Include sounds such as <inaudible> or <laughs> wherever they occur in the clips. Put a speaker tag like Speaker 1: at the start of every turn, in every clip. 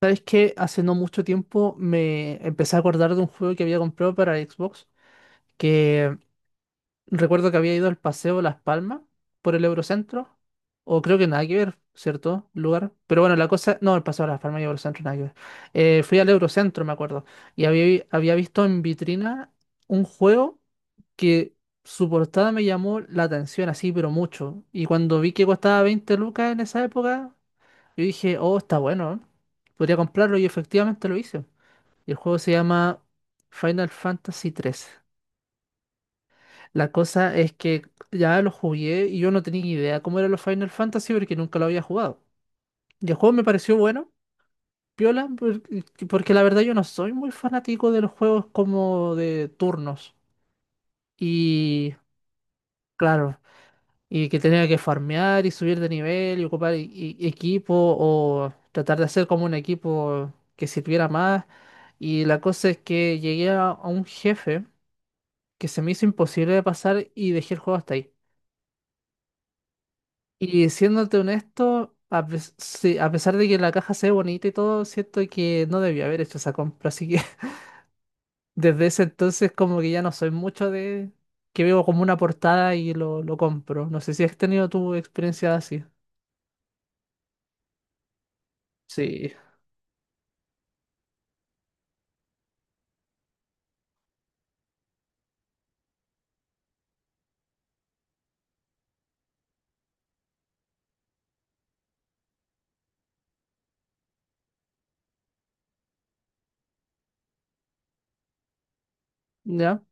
Speaker 1: Sabes que hace no mucho tiempo me empecé a acordar de un juego que había comprado para Xbox, que recuerdo que había ido al Paseo Las Palmas por el Eurocentro, o creo que nada que ver, ¿cierto? Lugar. Pero bueno, la cosa, no, el Paseo Las Palmas y Eurocentro nada que ver. Fui al Eurocentro, me acuerdo, y había visto en vitrina un juego que su portada me llamó la atención así, pero mucho. Y cuando vi que costaba 20 lucas en esa época, yo dije, oh, está bueno, ¿eh? Podría comprarlo y efectivamente lo hice. Y el juego se llama Final Fantasy tres. La cosa es que ya lo jugué y yo no tenía idea cómo eran los Final Fantasy porque nunca lo había jugado. Y el juego me pareció bueno, piola, por- porque la verdad yo no soy muy fanático de los juegos como de turnos. Y claro, y que tenía que farmear y subir de nivel y ocupar equipo o tratar de hacer como un equipo que sirviera más. Y la cosa es que llegué a un jefe que se me hizo imposible de pasar y dejé el juego hasta ahí. Y siéndote honesto, sí, a pesar de que la caja se ve bonita y todo, siento que no debía haber hecho esa compra. Así que <laughs> desde ese entonces como que ya no soy mucho de... que veo como una portada y lo compro. No sé si has tenido tu experiencia así. Sí. ¿Ya?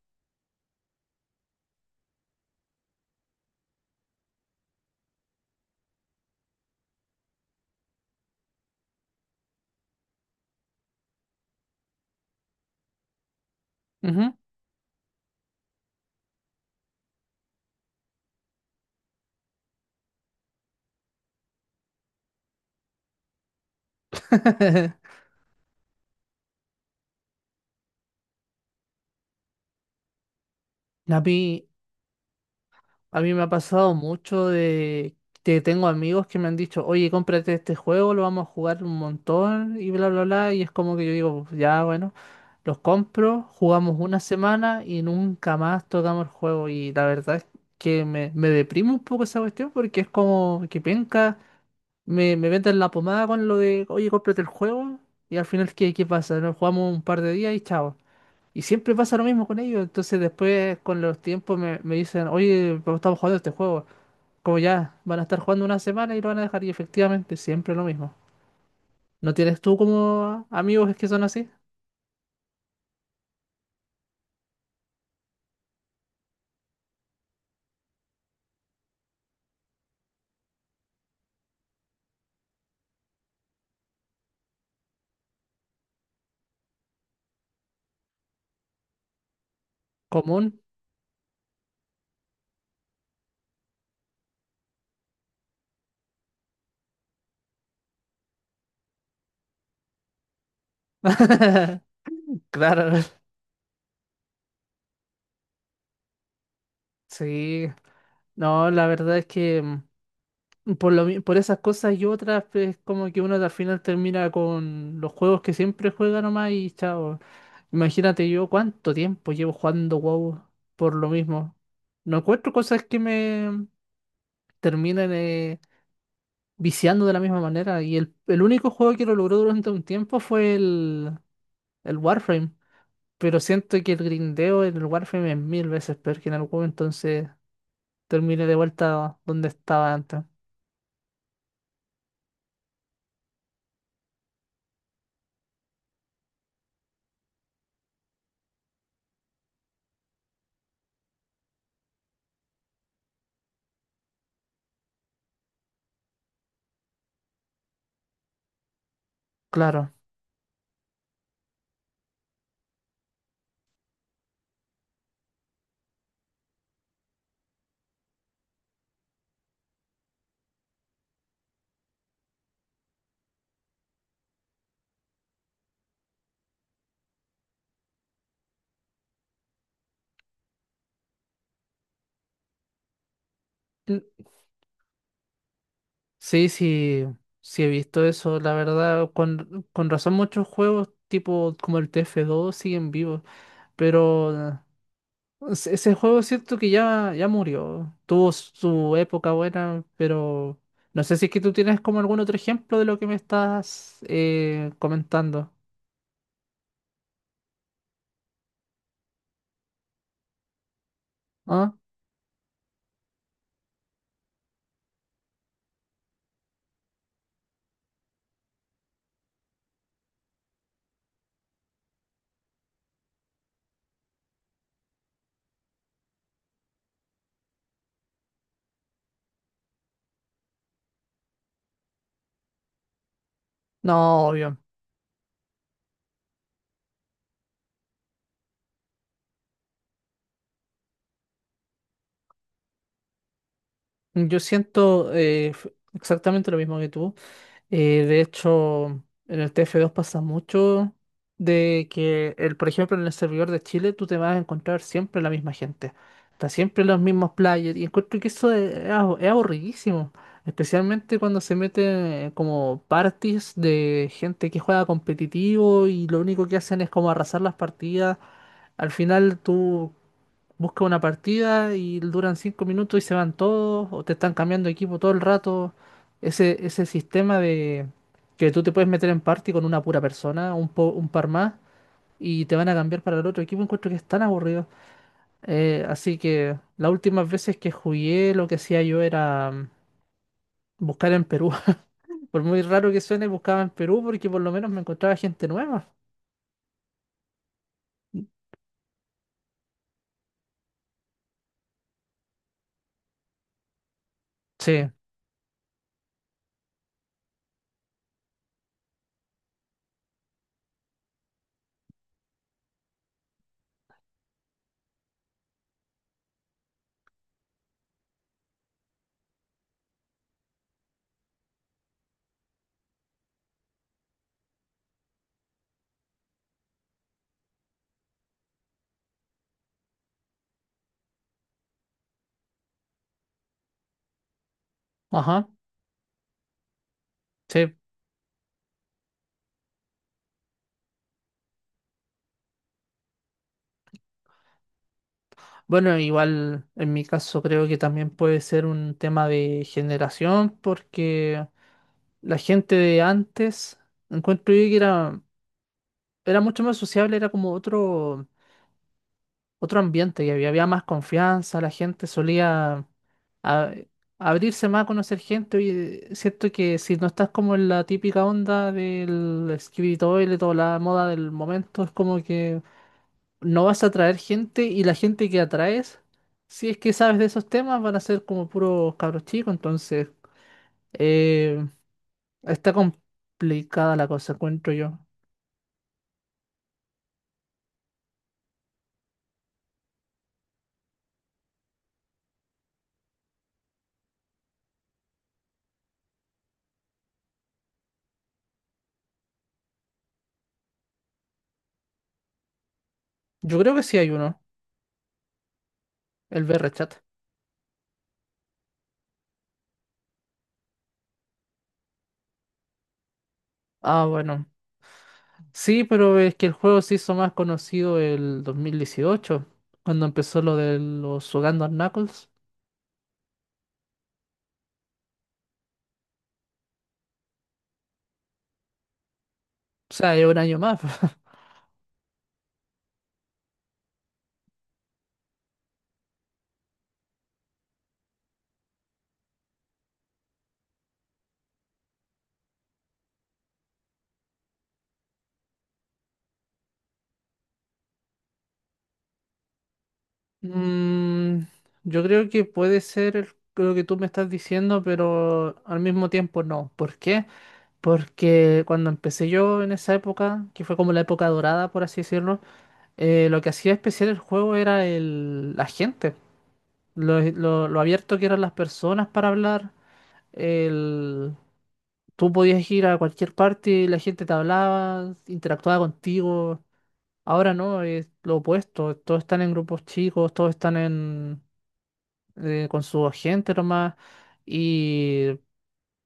Speaker 1: Ujú. <laughs> A mí, a mí me ha pasado mucho de que tengo amigos que me han dicho, oye, cómprate este juego, lo vamos a jugar un montón y bla, bla, bla. Y es como que yo digo, ya, bueno, los compro, jugamos una semana y nunca más tocamos el juego. Y la verdad es que me deprime un poco esa cuestión porque es como que penca, me venden la pomada con lo de, oye, cómprate el juego. Y al final, ¿ qué pasa? Nos jugamos un par de días y chao. Y siempre pasa lo mismo con ellos. Entonces después con los tiempos me dicen, oye, pero estamos jugando este juego. Como ya, van a estar jugando una semana y lo van a dejar. Y efectivamente, siempre lo mismo. ¿No tienes tú como amigos que son así? Común. <laughs> Claro, sí. No, la verdad es que por esas cosas y otras, pues como que uno al final termina con los juegos que siempre juega nomás y chao. Imagínate yo cuánto tiempo llevo jugando WoW por lo mismo. No encuentro cosas que me terminen viciando de la misma manera. Y el único juego que lo logró durante un tiempo fue el Warframe. Pero siento que el grindeo en el Warframe es mil veces peor que en el WoW, entonces terminé de vuelta donde estaba antes. Claro. Mm, sí, sí he visto eso. La verdad, con razón muchos juegos tipo como el TF2 siguen vivos. Pero... Ese juego siento que ya murió. Tuvo su época buena, pero no sé si es que tú tienes como algún otro ejemplo de lo que me estás comentando. ¿Ah? No, obvio. Yo siento exactamente lo mismo que tú. De hecho, en el TF2 pasa mucho de que, el, por ejemplo, en el servidor de Chile tú te vas a encontrar siempre la misma gente. Está siempre los mismos players y encuentro que eso es es aburridísimo. Especialmente cuando se meten como parties de gente que juega competitivo y lo único que hacen es como arrasar las partidas. Al final tú busca una partida y duran 5 minutos y se van todos, o te están cambiando de equipo todo el rato. Ese sistema de que tú te puedes meter en party con una pura persona, un par más, y te van a cambiar para el otro equipo, encuentro que es tan aburrido. Así que las últimas veces que jugué, lo que hacía yo era buscar en Perú. <laughs> Por muy raro que suene, buscaba en Perú porque por lo menos me encontraba gente nueva. Sí, ajá. Sí, bueno, igual en mi caso creo que también puede ser un tema de generación, porque la gente de antes, encuentro yo que era mucho más sociable, era como otro, otro ambiente, y había más confianza, la gente solía a- abrirse más a conocer gente. Y siento que si no estás como en la típica onda del escritorio y toda la moda del momento, es como que no vas a atraer gente y la gente que atraes, si es que sabes de esos temas, van a ser como puros cabros chicos, entonces eh, está complicada la cosa, encuentro yo. Yo creo que sí hay uno, el VRChat. Ah, bueno. Sí, pero es que el juego se hizo más conocido el 2018 cuando empezó lo de los Sugando Knuckles. O sea, es un año más. <laughs> Mm, yo creo que puede ser lo que tú me estás diciendo, pero al mismo tiempo no. ¿Por qué? Porque cuando empecé yo en esa época, que fue como la época dorada, por así decirlo, lo que hacía especial el juego era la gente, lo abierto que eran las personas para hablar. el- Tú podías ir a cualquier parte y la gente te hablaba, interactuaba contigo. Ahora no, es lo opuesto. Todos están en grupos chicos, todos están en, con su gente nomás. Y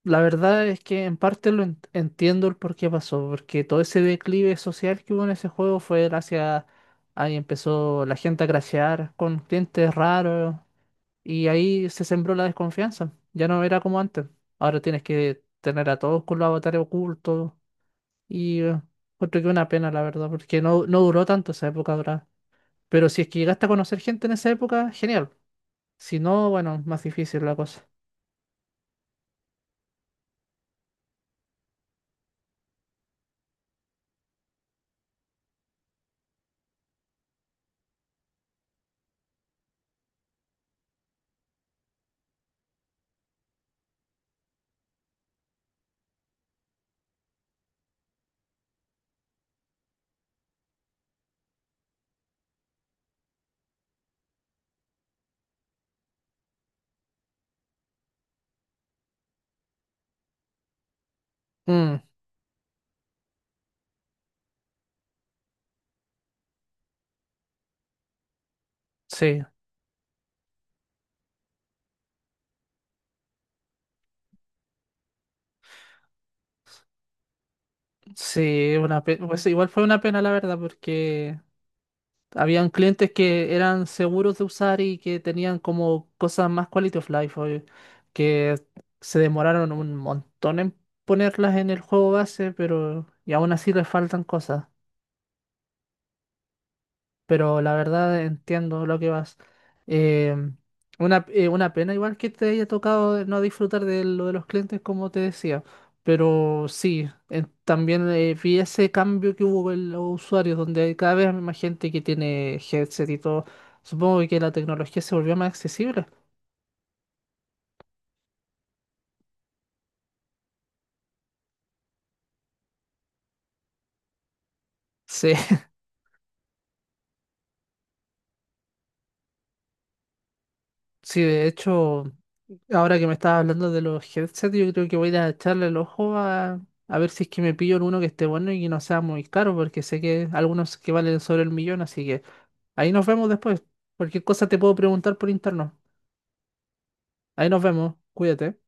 Speaker 1: la verdad es que en parte lo entiendo el por qué pasó, porque todo ese declive social que hubo en ese juego fue gracias ahí empezó la gente a crashear con clientes raros y ahí se sembró la desconfianza. Ya no era como antes. Ahora tienes que tener a todos con los avatares ocultos y encuentro que una pena, la verdad, porque no, no duró tanto esa época, ¿verdad? Pero si es que llegaste a conocer gente en esa época, genial. Si no, bueno, más difícil la cosa. Mm, sí. Sí, pues igual fue una pena la verdad, porque habían clientes que eran seguros de usar y que tenían como cosas más quality of life, oye, que se demoraron un montón en ponerlas en el juego base, pero y aún así les faltan cosas. Pero la verdad entiendo lo que vas. Eh, una pena igual que te haya tocado no disfrutar de lo de los clientes, como te decía, pero sí, también vi ese cambio que hubo en los usuarios, donde hay cada vez más gente que tiene headset y todo. Supongo que la tecnología se volvió más accesible. Sí, <laughs> sí, de hecho. Ahora que me estás hablando de los headsets, yo creo que voy a ir a echarle el ojo a ver si es que me pillo alguno que esté bueno y que no sea muy caro, porque sé que algunos que valen sobre el millón, así que ahí nos vemos después. Cualquier cosa te puedo preguntar por interno. Ahí nos vemos, cuídate.